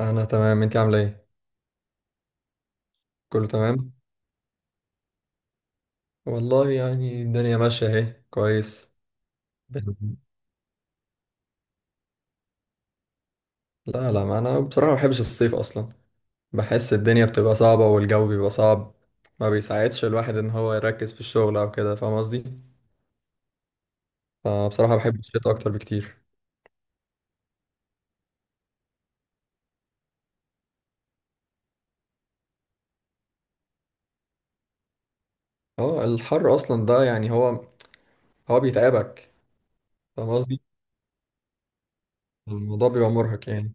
انا تمام، انت عامله ايه؟ كله تمام. والله يعني الدنيا ماشيه اهي كويس. بن- لا لا، ما انا بصراحه ما بحبش الصيف اصلا. بحس الدنيا بتبقى صعبه والجو بيبقى صعب، ما بيساعدش الواحد ان هو يركز في الشغل او كده، فاهم قصدي؟ فبصراحه بحب الشتاء اكتر بكتير. اه، الحر اصلا ده يعني هو بيتعبك، فاهم قصدي؟ الموضوع بيبقى مرهق يعني.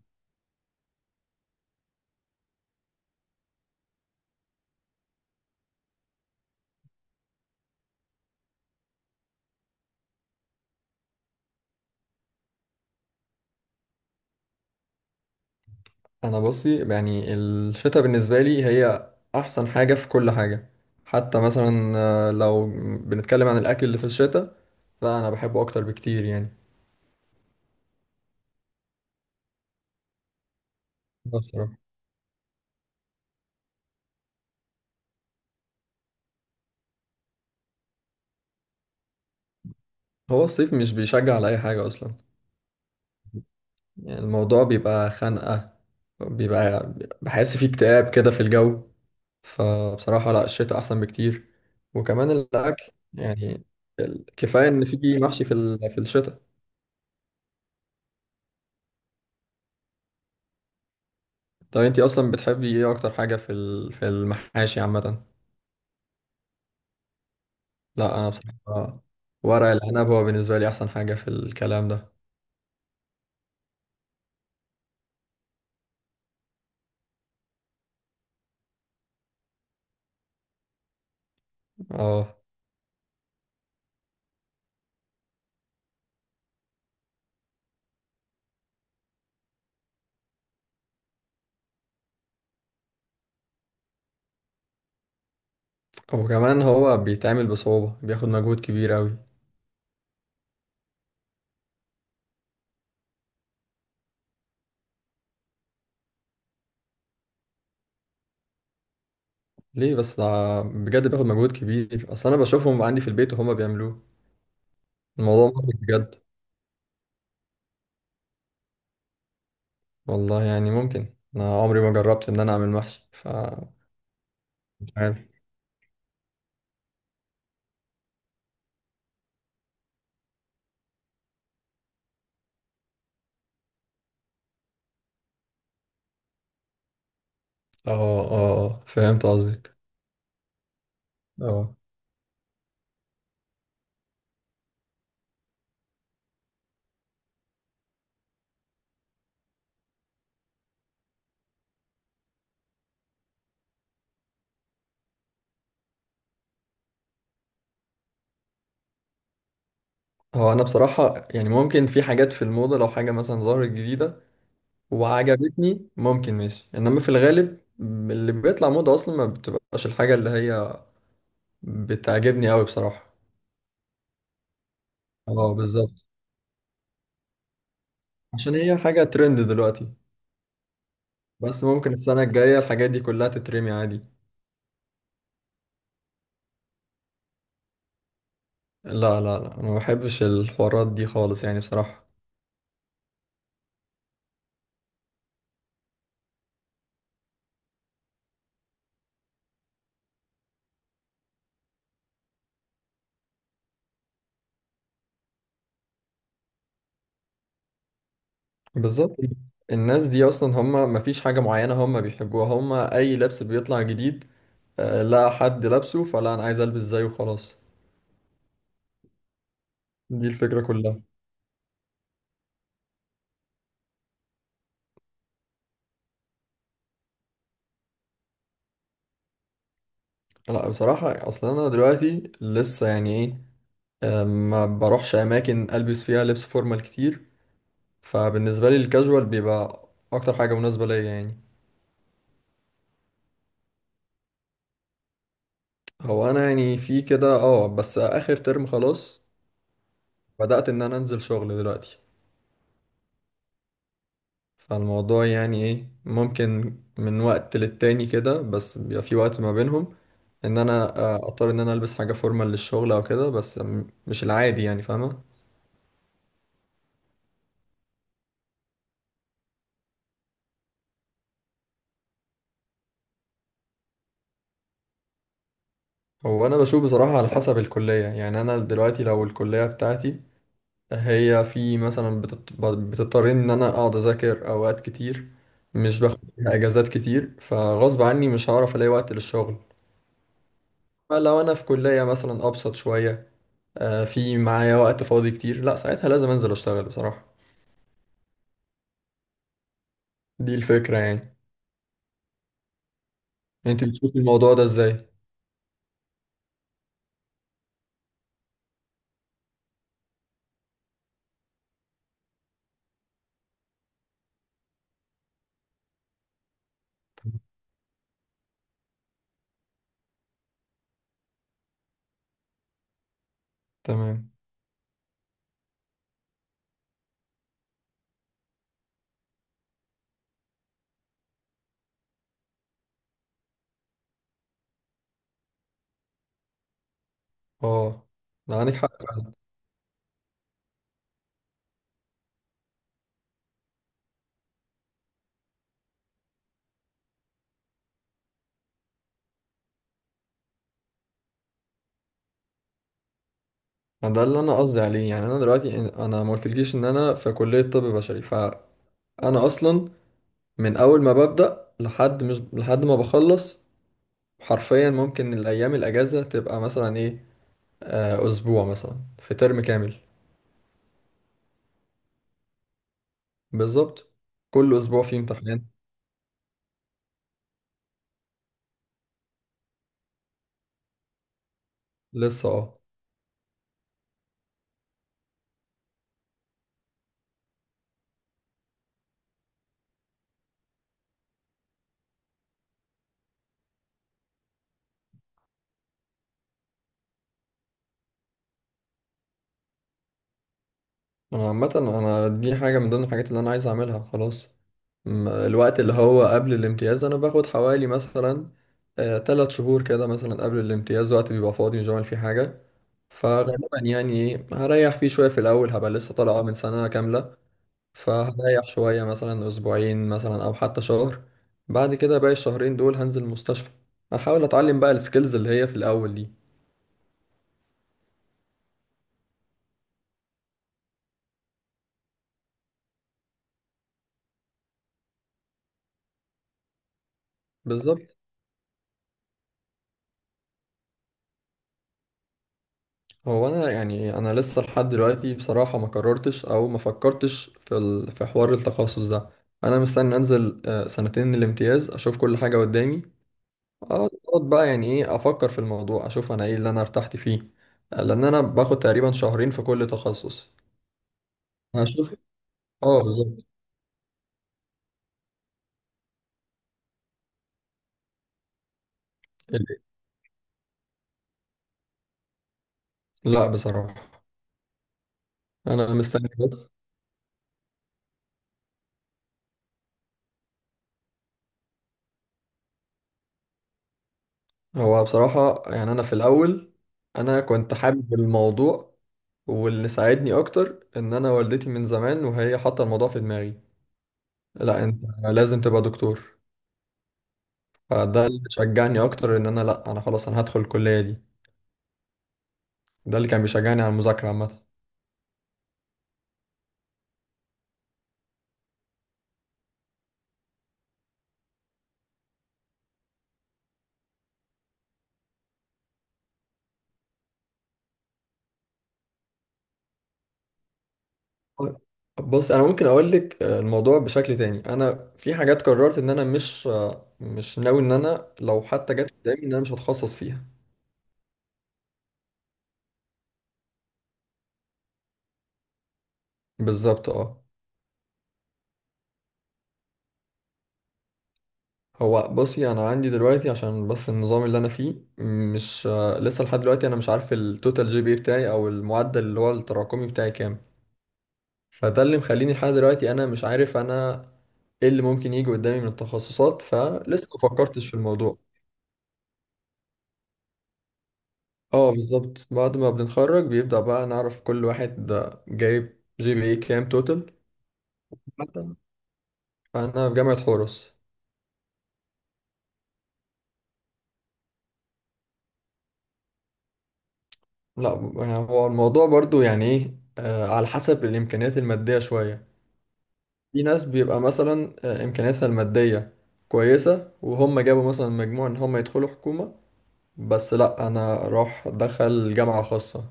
انا بصي، يعني الشتاء بالنسبه لي هي احسن حاجه في كل حاجه. حتى مثلا، لو بنتكلم عن الاكل اللي في الشتاء، لا انا بحبه اكتر بكتير يعني. بصراحة. هو الصيف مش بيشجع على اي حاجه اصلا. يعني الموضوع بيبقى خنقه، بيبقى، بحس فيه اكتئاب كده في الجو. فبصراحه لا، الشتاء احسن بكتير. وكمان الاكل يعني، كفايه ان في محشي في في الشتاء. طب انتي اصلا بتحبي ايه اكتر حاجه في في المحاشي عامه؟ لا انا بصراحه، ورق العنب هو بالنسبه لي احسن حاجه في الكلام ده. اه. وكمان هو بيتعمل بصعوبه، بياخد مجهود كبير قوي. ليه بس ده؟ بجد بياخد مجهود كبير، اصل انا بشوفهم عندي في البيت وهما بيعملوه. الموضوع ممكن بجد. والله يعني ممكن انا عمري ما جربت ان انا اعمل محشي، ف مش عارف. اه. اه، فهمت قصدك. اه. هو انا بصراحه يعني ممكن في حاجات في الموضه، لو حاجه مثلا ظهرت جديده وعجبتني ممكن ماشي، انما في الغالب اللي بيطلع موضة اصلا ما بتبقاش الحاجة اللي هي بتعجبني قوي بصراحة. اه بالظبط، عشان هي حاجة ترند دلوقتي. بس ممكن السنة الجاية الحاجات دي كلها تترمي عادي. لا، لا انا ما بحبش الحوارات دي خالص يعني بصراحة. بالظبط. الناس دي اصلا هم ما فيش حاجة معينة هم بيحبوها، هم اي لبس بيطلع جديد لا حد لابسه، فلا انا عايز البس زيه وخلاص. دي الفكرة كلها. لا بصراحة، اصلا انا دلوقتي لسه يعني ايه، ما بروحش اماكن البس فيها لبس فورمال كتير. فبالنسبه لي الكاجوال بيبقى اكتر حاجه مناسبه ليا يعني. هو انا يعني في كده اه، بس اخر ترم خلاص. بدات ان انا انزل شغل دلوقتي. فالموضوع يعني ايه ممكن من وقت للتاني كده، بس بيبقى في وقت ما بينهم ان انا اضطر ان انا البس حاجه فورمال للشغل او كده، بس مش العادي يعني، فاهمه؟ هو انا بشوف بصراحه على حسب الكليه. يعني انا دلوقتي لو الكليه بتاعتي هي في مثلا بتضطر ان انا اقعد اذاكر اوقات كتير، مش باخد فيها اجازات كتير، فغصب عني مش هعرف الاقي وقت للشغل. فلو انا في كلية مثلا ابسط شوية، في معايا وقت فاضي كتير، لا ساعتها لازم انزل اشتغل بصراحة. دي الفكرة يعني. انت بتشوفي الموضوع ده ازاي؟ تمام. اه. ده عندك حق. ده اللي انا قصدي عليه، يعني انا دلوقتي انا ما قلتلكيش ان انا في كلية طب بشري، فانا اصلا من اول ما ببدأ لحد مش لحد ما بخلص، حرفيا ممكن الأيام الأجازة تبقى مثلا إيه، أسبوع مثلا في ترم كامل. بالظبط. كل أسبوع فيه امتحان. لسه أه. أنا عامة أنا دي حاجة من ضمن الحاجات اللي أنا عايز أعملها خلاص. الوقت اللي هو قبل الامتياز أنا باخد حوالي مثلا، تلات شهور كده مثلا قبل الامتياز وقت بيبقى فاضي مش بعمل فيه حاجة. فغالبا يعني إيه هريح فيه شوية في الأول، هبقى لسه طالع من سنة كاملة. فهريح شوية مثلا أسبوعين مثلا أو حتى شهر، بعد كده باقي الشهرين دول هنزل المستشفى، أحاول أتعلم بقى السكيلز اللي هي في الأول دي. بالظبط. هو أنا يعني أنا لسه لحد دلوقتي بصراحة ما قررتش أو ما فكرتش في ال... في حوار التخصص ده. أنا مستني أنزل سنتين الامتياز، أشوف كل حاجة قدامي. أقعد بقى يعني إيه أفكر في الموضوع، أشوف أنا إيه اللي أنا ارتحت فيه، لأن أنا باخد تقريبا شهرين في كل تخصص. هشوف. اه بالظبط. لا بصراحة انا مستني بس. هو بصراحة يعني انا في الاول، انا كنت حابب الموضوع، واللي ساعدني اكتر ان انا والدتي من زمان وهي حاطة الموضوع في دماغي، لا انت لازم تبقى دكتور. فده اللي شجعني اكتر ان انا لا انا خلاص انا هدخل الكلية دي. ده اللي كان بيشجعني على المذاكرة عامة. طيب. بص انا ممكن اقول لك الموضوع بشكل تاني، انا في حاجات قررت ان انا مش مش ناوي ان انا لو حتى جت قدامي ان انا مش هتخصص فيها. بالظبط اه. هو بصي انا عندي دلوقتي عشان بس النظام اللي انا فيه مش لسه لحد دلوقتي انا مش عارف التوتال جي بي بتاعي او المعدل اللي هو التراكمي بتاعي كام. فده اللي مخليني لحد دلوقتي انا مش عارف انا ايه اللي ممكن يجي قدامي من التخصصات، فلسه ما فكرتش في الموضوع. اه بالظبط، بعد ما بنتخرج بيبدأ بقى نعرف كل واحد ده جايب جي بي اي كام توتال. مثلا انا في جامعة حورس. لا يعني هو الموضوع برضو يعني ايه على حسب الامكانيات المادية شوية. في ناس بيبقى مثلا إمكانياتها المادية كويسة وهم جابوا مثلا مجموع إن هم يدخلوا حكومة، بس لأ أنا أروح أدخل جامعة خاصة.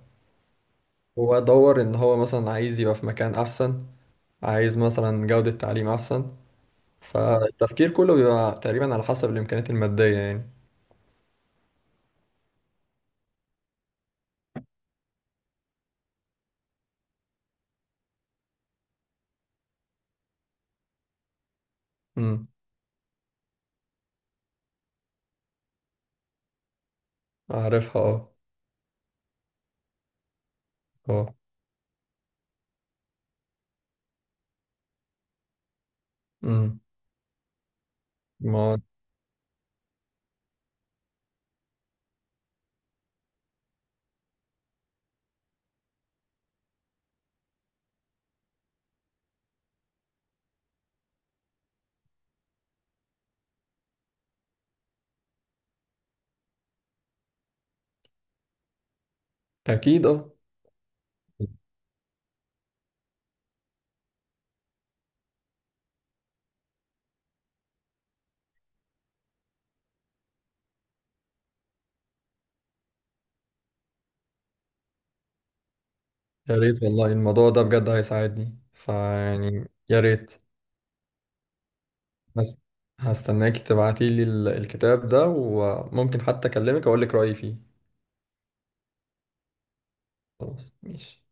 هو دور إن هو مثلا عايز يبقى في مكان أحسن، عايز مثلا جودة تعليم أحسن. فالتفكير كله بيبقى تقريبا على حسب الإمكانيات المادية يعني. أمم. أعرفها أه. أه. أمم. ما. أكيد أه. يا ريت والله، الموضوع ده بجد هيساعدني، فيعني يا ريت. هس- هستناك تبعتي لي الكتاب ده، وممكن حتى اكلمك اقول لك رأيي فيه. خلاص ماشي.